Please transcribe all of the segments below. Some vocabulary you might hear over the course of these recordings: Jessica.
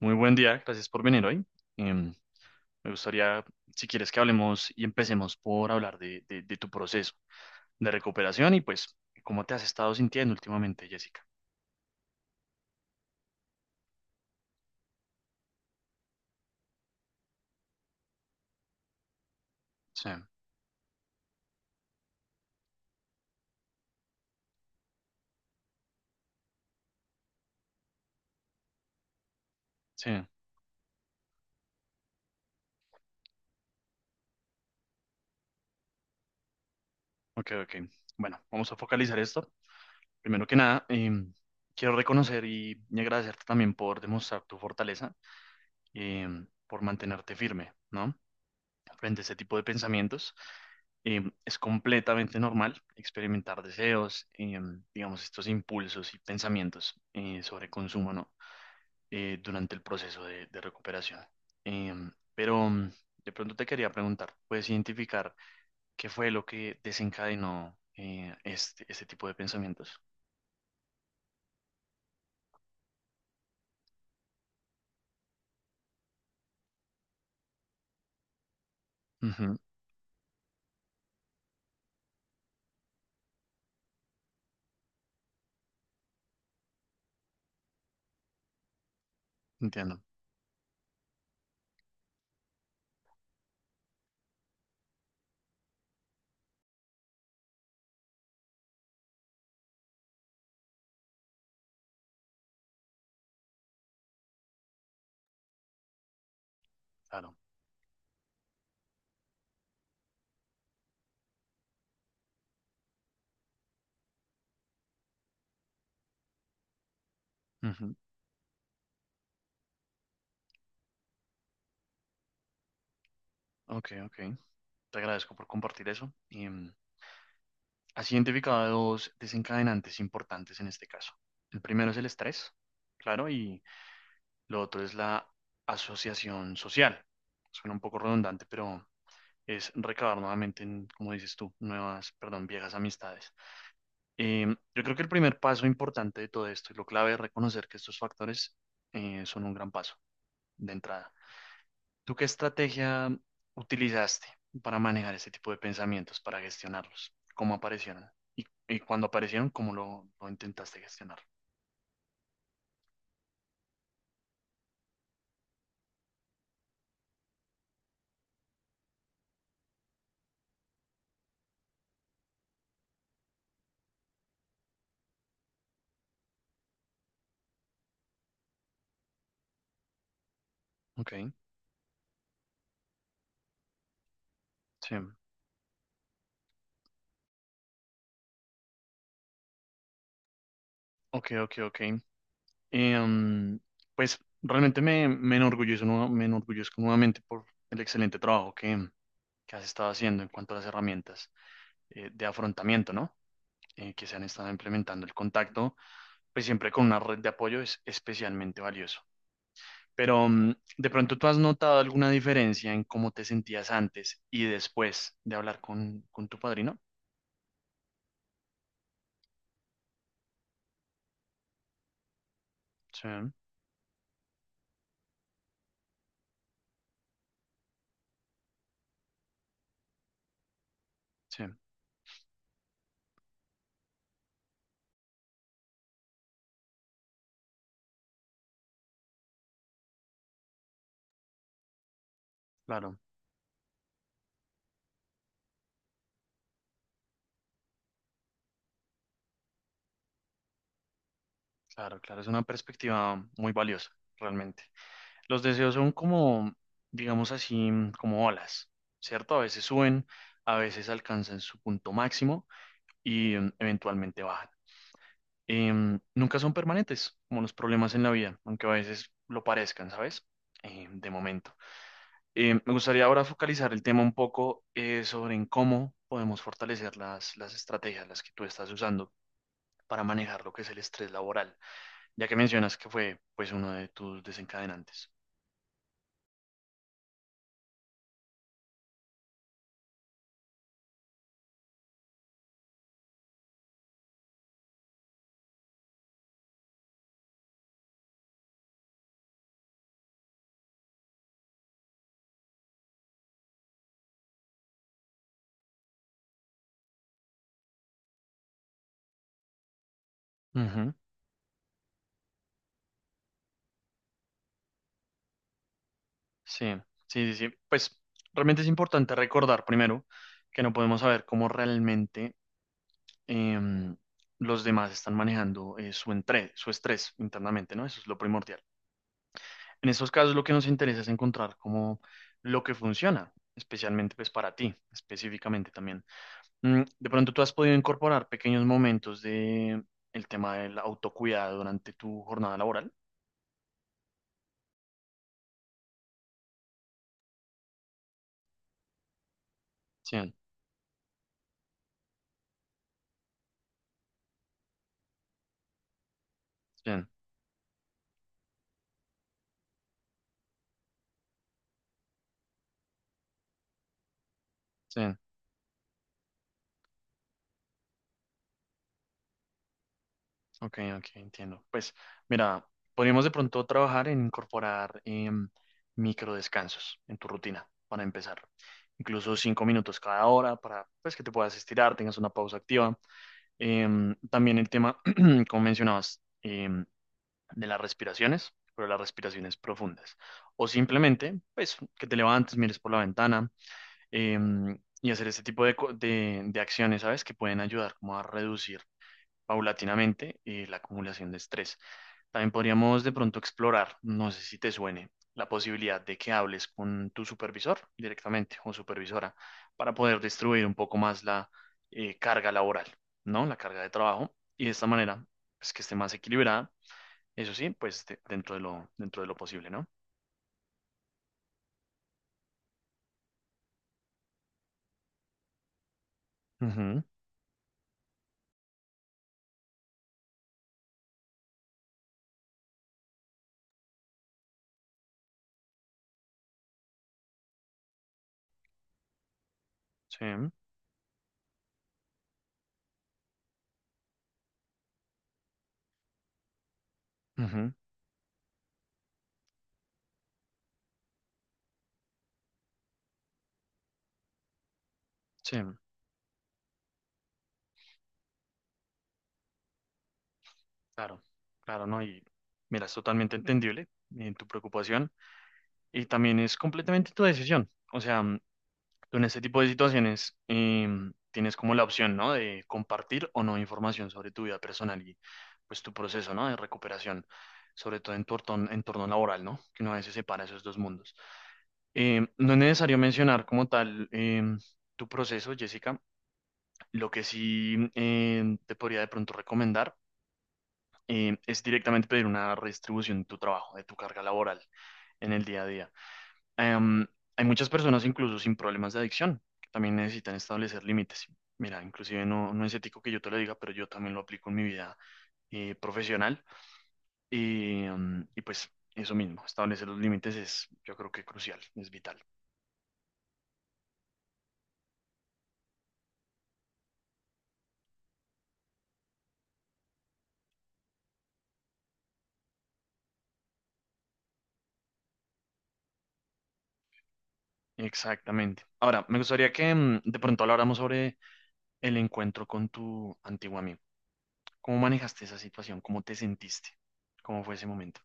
Muy buen día, gracias por venir hoy. Em, me gustaría, si quieres, que hablemos y empecemos por hablar de tu proceso de recuperación y pues cómo te has estado sintiendo últimamente, Jessica. Sí, sí, ok, ok. Bueno, vamos a focalizar esto. Primero que nada, quiero reconocer y agradecerte también por demostrar tu fortaleza, por mantenerte firme, ¿no?, frente a ese tipo de pensamientos. Es completamente normal experimentar deseos, digamos, estos impulsos y pensamientos sobre consumo, ¿no? Durante el proceso de recuperación. Eh, pero de pronto te quería preguntar, ¿puedes identificar qué fue lo que desencadenó este tipo de pensamientos? Ujú, entiendo, claro. Ujú, ok, ok. Te agradezco por compartir eso. Y, has identificado dos desencadenantes importantes en este caso. El primero es el estrés, claro, y lo otro es la asociación social. Suena un poco redundante, pero es recabar nuevamente, en, como dices tú, nuevas, perdón, viejas amistades. Eh, yo creo que el primer paso importante de todo esto y lo clave es reconocer que estos factores son un gran paso de entrada. ¿Tú qué estrategia utilizaste para manejar ese tipo de pensamientos, para gestionarlos? ¿Cómo aparecieron? Y cuando aparecieron, ¿cómo lo intentaste gestionar? Ok, sí. Ok, ok, ok. Em, pues realmente me enorgullezco nuevamente por el excelente trabajo que has estado haciendo en cuanto a las herramientas de afrontamiento, ¿no? Que se han estado implementando. El contacto, pues siempre con una red de apoyo es especialmente valioso. Pero de pronto tú has notado alguna diferencia en cómo te sentías antes y después de hablar con tu padrino. Sí, sí, claro, claro, claro. Es una perspectiva muy valiosa, realmente. Los deseos son como, digamos así, como olas, ¿cierto? A veces suben, a veces alcanzan su punto máximo y eventualmente bajan. Nunca son permanentes, como los problemas en la vida, aunque a veces lo parezcan, ¿sabes? De momento. Me gustaría ahora focalizar el tema un poco sobre en cómo podemos fortalecer las estrategias, las que tú estás usando para manejar lo que es el estrés laboral, ya que mencionas que fue pues uno de tus desencadenantes. Ujú. Sí, sí, sí, sí. Pues realmente es importante recordar primero que no podemos saber cómo realmente em, los demás están manejando su estrés internamente, ¿no? Eso es lo primordial. En estos casos lo que nos interesa es encontrar como lo que funciona, especialmente pues para ti, específicamente también. De pronto tú has podido incorporar pequeños momentos de el tema del autocuidado durante tu jornada laboral. Sí, sí, sí. Ok, ok, entiendo. Pues mira, podríamos de pronto trabajar en incorporar microdescansos en tu rutina para empezar. Incluso 5 minutos cada hora para pues que te puedas estirar, tengas una pausa activa. También el tema, como mencionabas, de las respiraciones, pero las respiraciones profundas. O simplemente, pues, que te levantes, mires por la ventana y hacer este tipo de acciones, ¿sabes? Que pueden ayudar como a reducir paulatinamente la acumulación de estrés. También podríamos de pronto explorar, no sé si te suene, la posibilidad de que hables con tu supervisor directamente o supervisora para poder distribuir un poco más la carga laboral, ¿no? La carga de trabajo y de esta manera, pues que esté más equilibrada, eso sí, pues dentro de lo posible, ¿no? Ujú, sí, ujú, sí, claro, claro, ¿no? Y mira, es totalmente entendible en tu preocupación y también es completamente tu decisión. O sea, tú en este tipo de situaciones tienes como la opción, ¿no?, de compartir o no información sobre tu vida personal y pues tu proceso, ¿no?, de recuperación, sobre todo en tu entorno, entorno laboral, ¿no? Que uno a veces separa esos dos mundos. No es necesario mencionar como tal tu proceso, Jessica. Lo que sí te podría de pronto recomendar es directamente pedir una redistribución de tu trabajo, de tu carga laboral en el día a día. Em, hay muchas personas incluso sin problemas de adicción que también necesitan establecer límites. Mira, inclusive no, no es ético que yo te lo diga, pero yo también lo aplico en mi vida profesional y pues eso mismo, establecer los límites es yo creo que crucial, es vital. Exactamente. Ahora, me gustaría que de pronto habláramos sobre el encuentro con tu antiguo amigo. ¿Cómo manejaste esa situación? ¿Cómo te sentiste? ¿Cómo fue ese momento?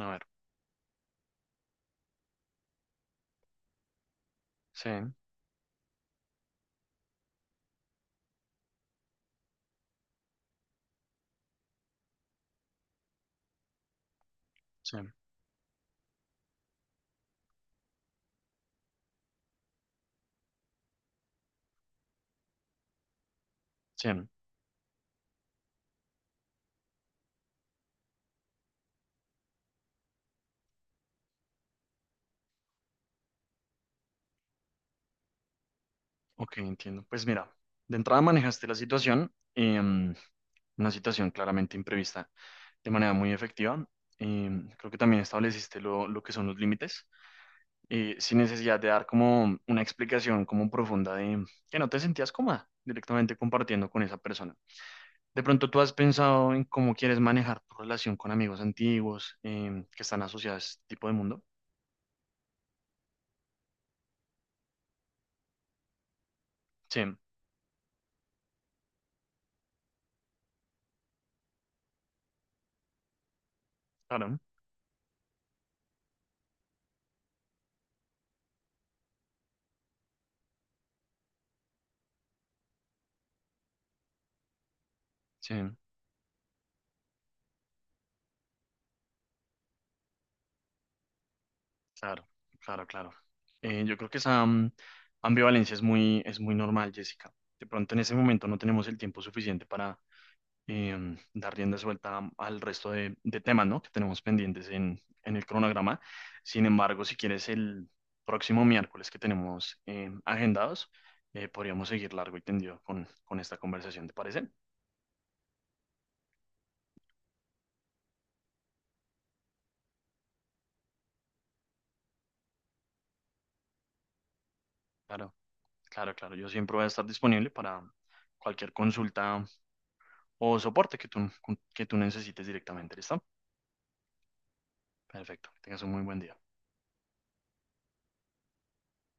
A ver. Sí, sí, sí. Ok, entiendo. Pues mira, de entrada manejaste la situación, una situación claramente imprevista, de manera muy efectiva. Creo que también estableciste lo que son los límites, sin necesidad de dar como una explicación como profunda de que no te sentías cómoda directamente compartiendo con esa persona. De pronto tú has pensado en cómo quieres manejar tu relación con amigos antiguos que están asociados a este tipo de mundo. Sí, claro, sí. Claro, claro, claro. Yo creo que esa ambivalencia es muy normal, Jessica. De pronto en ese momento no tenemos el tiempo suficiente para dar rienda suelta al resto de temas, ¿no?, que tenemos pendientes en el cronograma. Sin embargo, si quieres el próximo miércoles que tenemos agendados, podríamos seguir largo y tendido con esta conversación, ¿te parece? Claro, claro, claro. Yo siempre voy a estar disponible para cualquier consulta o soporte que tú necesites directamente, ¿listo? Perfecto. Que tengas un muy buen día.